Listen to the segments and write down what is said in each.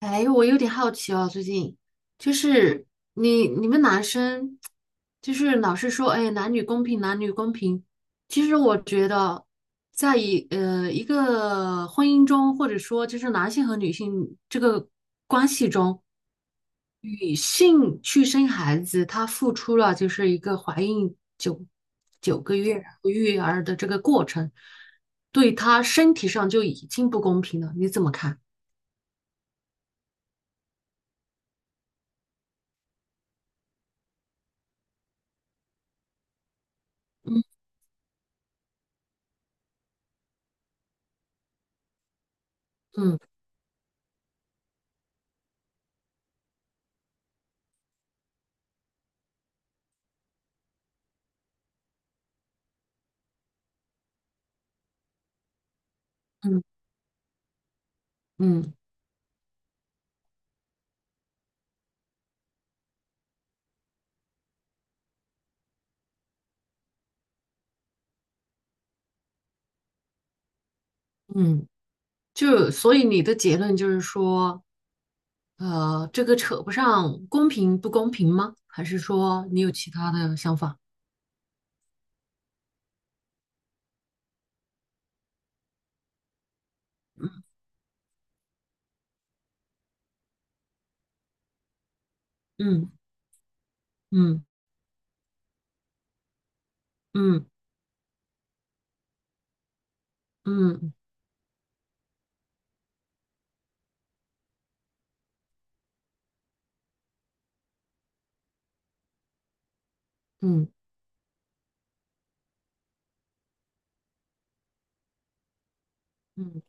哎，我有点好奇哦，最近就是你们男生就是老是说，哎，男女公平，男女公平。其实我觉得，在一个婚姻中，或者说就是男性和女性这个关系中，女性去生孩子，她付出了就是一个怀孕9个月然后育儿的这个过程，对她身体上就已经不公平了。你怎么看？嗯嗯嗯。嗯嗯，就所以你的结论就是说，这个扯不上公平不公平吗？还是说你有其他的想法？嗯嗯嗯嗯嗯嗯嗯，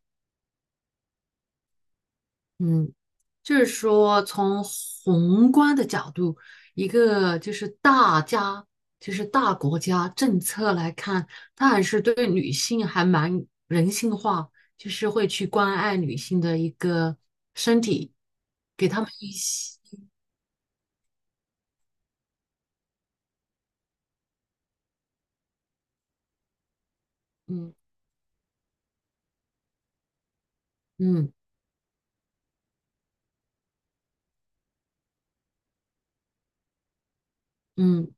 嗯就是说从宏观的角度，一个就是大家就是大国家政策来看，它还是对女性还蛮人性化，就是会去关爱女性的一个身体，给她们一些。嗯。嗯嗯，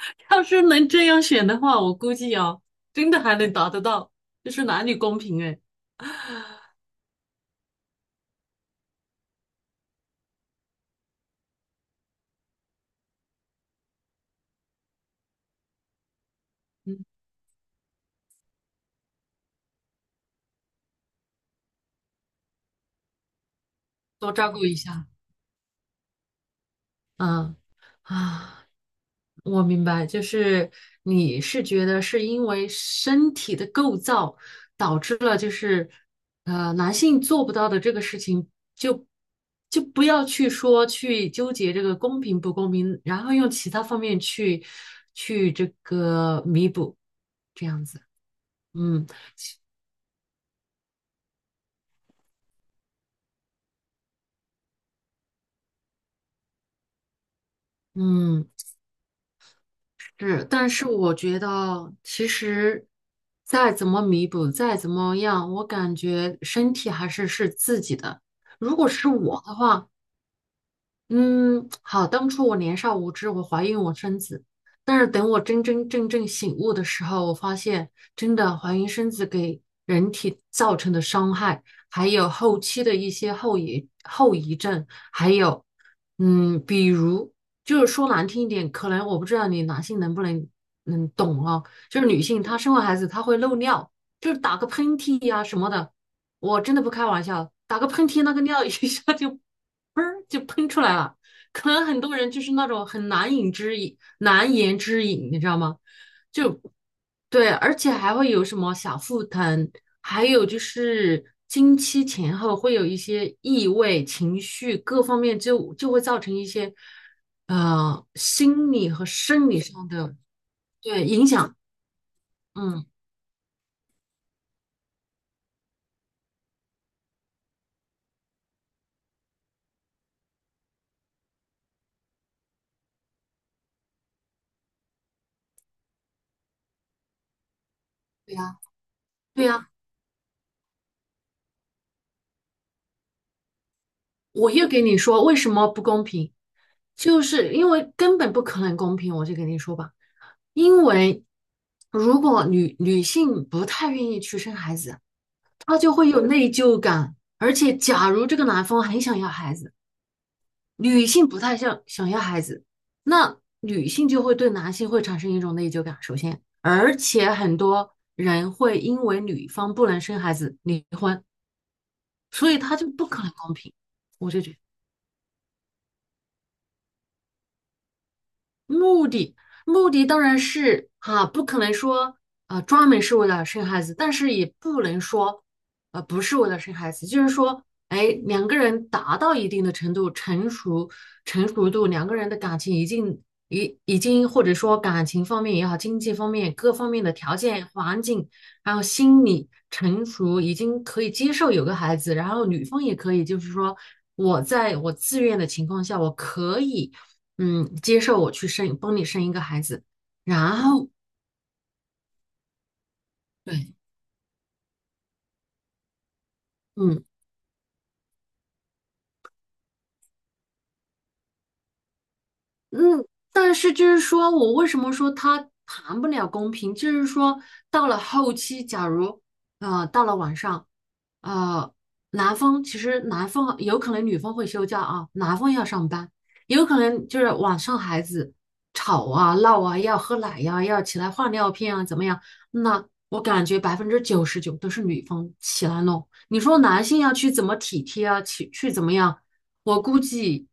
要是能这样选的话，我估计啊，真的还能达得到，就是男女公平哎，嗯，多照顾一下，嗯啊，我明白，就是你是觉得是因为身体的构造导致了，就是男性做不到的这个事情就，就不要去说去纠结这个公平不公平，然后用其他方面去这个弥补，这样子，嗯嗯。是，但是我觉得其实再怎么弥补，再怎么样，我感觉身体还是是自己的。如果是我的话，嗯，好，当初我年少无知，我怀孕我生子，但是等我真真正正醒悟的时候，我发现真的怀孕生子给人体造成的伤害，还有后期的一些后遗症，还有比如就是说难听一点，可能我不知道你男性能不能懂啊，就是女性她生完孩子她会漏尿，就是打个喷嚏呀、什么的，我真的不开玩笑，打个喷嚏，那个尿 一下就喷儿就喷出来了。可能很多人就是那种很难饮之饮，难言之隐，你知道吗？就对，而且还会有什么小腹疼，还有就是经期前后会有一些异味、情绪各方面就会造成一些心理和生理上的对影响。嗯，对呀，对呀。我又给你说为什么不公平，就是因为根本不可能公平，我就给你说吧，因为如果女性不太愿意去生孩子，她就会有内疚感，而且假如这个男方很想要孩子，女性不太想要孩子，那女性就会对男性会产生一种内疚感，首先，而且很多人会因为女方不能生孩子离婚，所以他就不可能公平，我就觉得。目的目的当然是哈、不可能说啊专门是为了生孩子，但是也不能说不是为了生孩子，就是说，哎，两个人达到一定的程度，成熟度，两个人的感情已经或者说感情方面也好，经济方面各方面的条件、环境，还有心理成熟，已经可以接受有个孩子，然后女方也可以，就是说我在我自愿的情况下，我可以。嗯，接受我去生，帮你生一个孩子，然后，对，嗯，嗯，但是就是说我为什么说他谈不了公平，就是说到了后期，假如到了晚上，呃其实男方有可能女方会休假啊，男方要上班，有可能就是晚上孩子吵啊闹啊，要喝奶呀、要起来换尿片啊，怎么样？那我感觉99%都是女方起来弄，你说男性要去怎么体贴啊，去怎么样？我估计，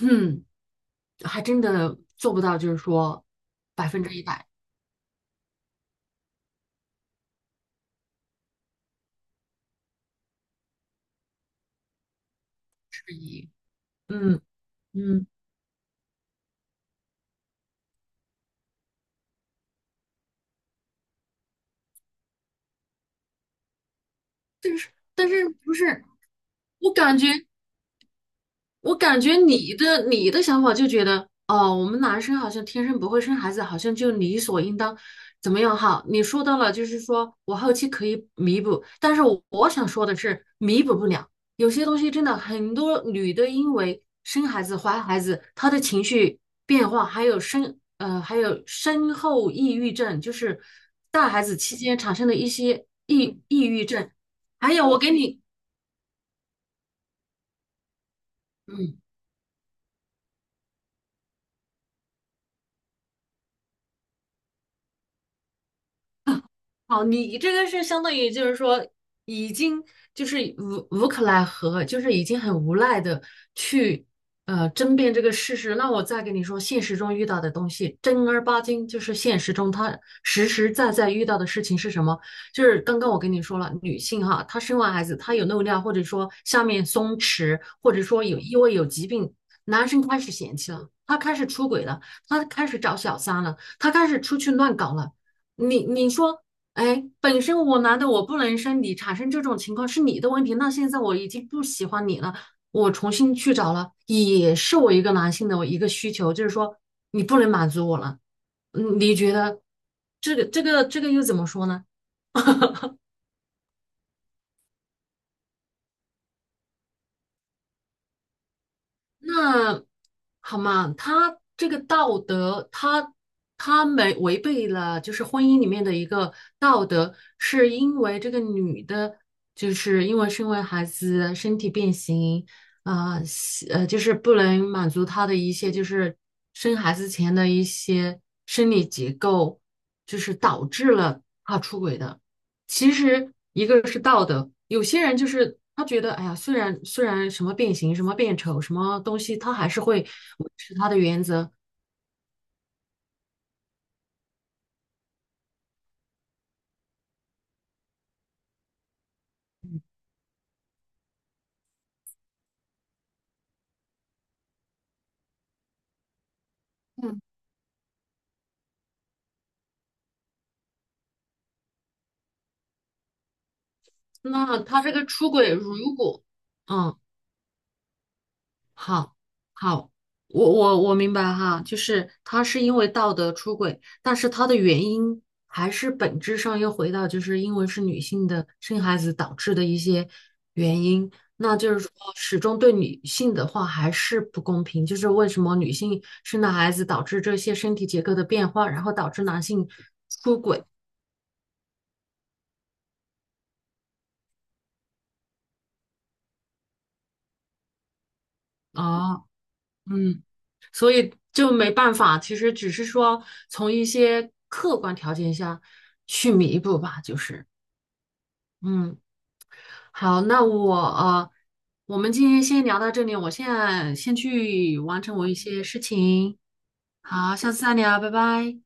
嗯。还真的做不到，就是说100%。嗯嗯，但是不是，我感觉。我感觉你的想法就觉得，哦，我们男生好像天生不会生孩子，好像就理所应当，怎么样哈？你说到了，就是说我后期可以弥补，但是我想说的是，弥补不了，有些东西真的很多女的因为生孩子、怀孩子，她的情绪变化，还有身后抑郁症，就是带孩子期间产生的一些抑郁症，还有我给你。嗯。哦，你这个是相当于就是说，已经就是无可奈何，就是已经很无奈的去争辩这个事实。那我再跟你说，现实中遇到的东西，正儿八经就是现实中他实实在在遇到的事情是什么？就是刚刚我跟你说了，女性哈，她生完孩子，她有漏尿，或者说下面松弛，或者说有因为有疾病，男生开始嫌弃了，他开始出轨了，他开始找小三了，他开始出去乱搞了。你说哎，本身我男的我不能生你，产生这种情况是你的问题。那现在我已经不喜欢你了，我重新去找了，也是我一个男性的我一个需求，就是说你不能满足我了。嗯，你觉得这个又怎么说呢？那好嘛，他这个道德，他没违背了，就是婚姻里面的一个道德，是因为这个女的，就是因为生完孩子身体变形，啊、就是不能满足他的一些就是生孩子前的一些生理结构，就是导致了她出轨的。其实一个是道德，有些人就是他觉得，哎呀，虽然什么变形、什么变丑、什么东西，他还是会维持他的原则。嗯，那他这个出轨，如果，嗯，好，好，我明白哈，就是他是因为道德出轨，但是他的原因还是本质上又回到就是因为是女性的生孩子导致的一些原因，那就是说始终对女性的话还是不公平，就是为什么女性生了孩子导致这些身体结构的变化，然后导致男性出轨啊，嗯。所以就没办法，其实只是说从一些客观条件下去弥补吧，就是，嗯，好，那我我们今天先聊到这里，我现在先去完成我一些事情，好，下次再聊，拜拜。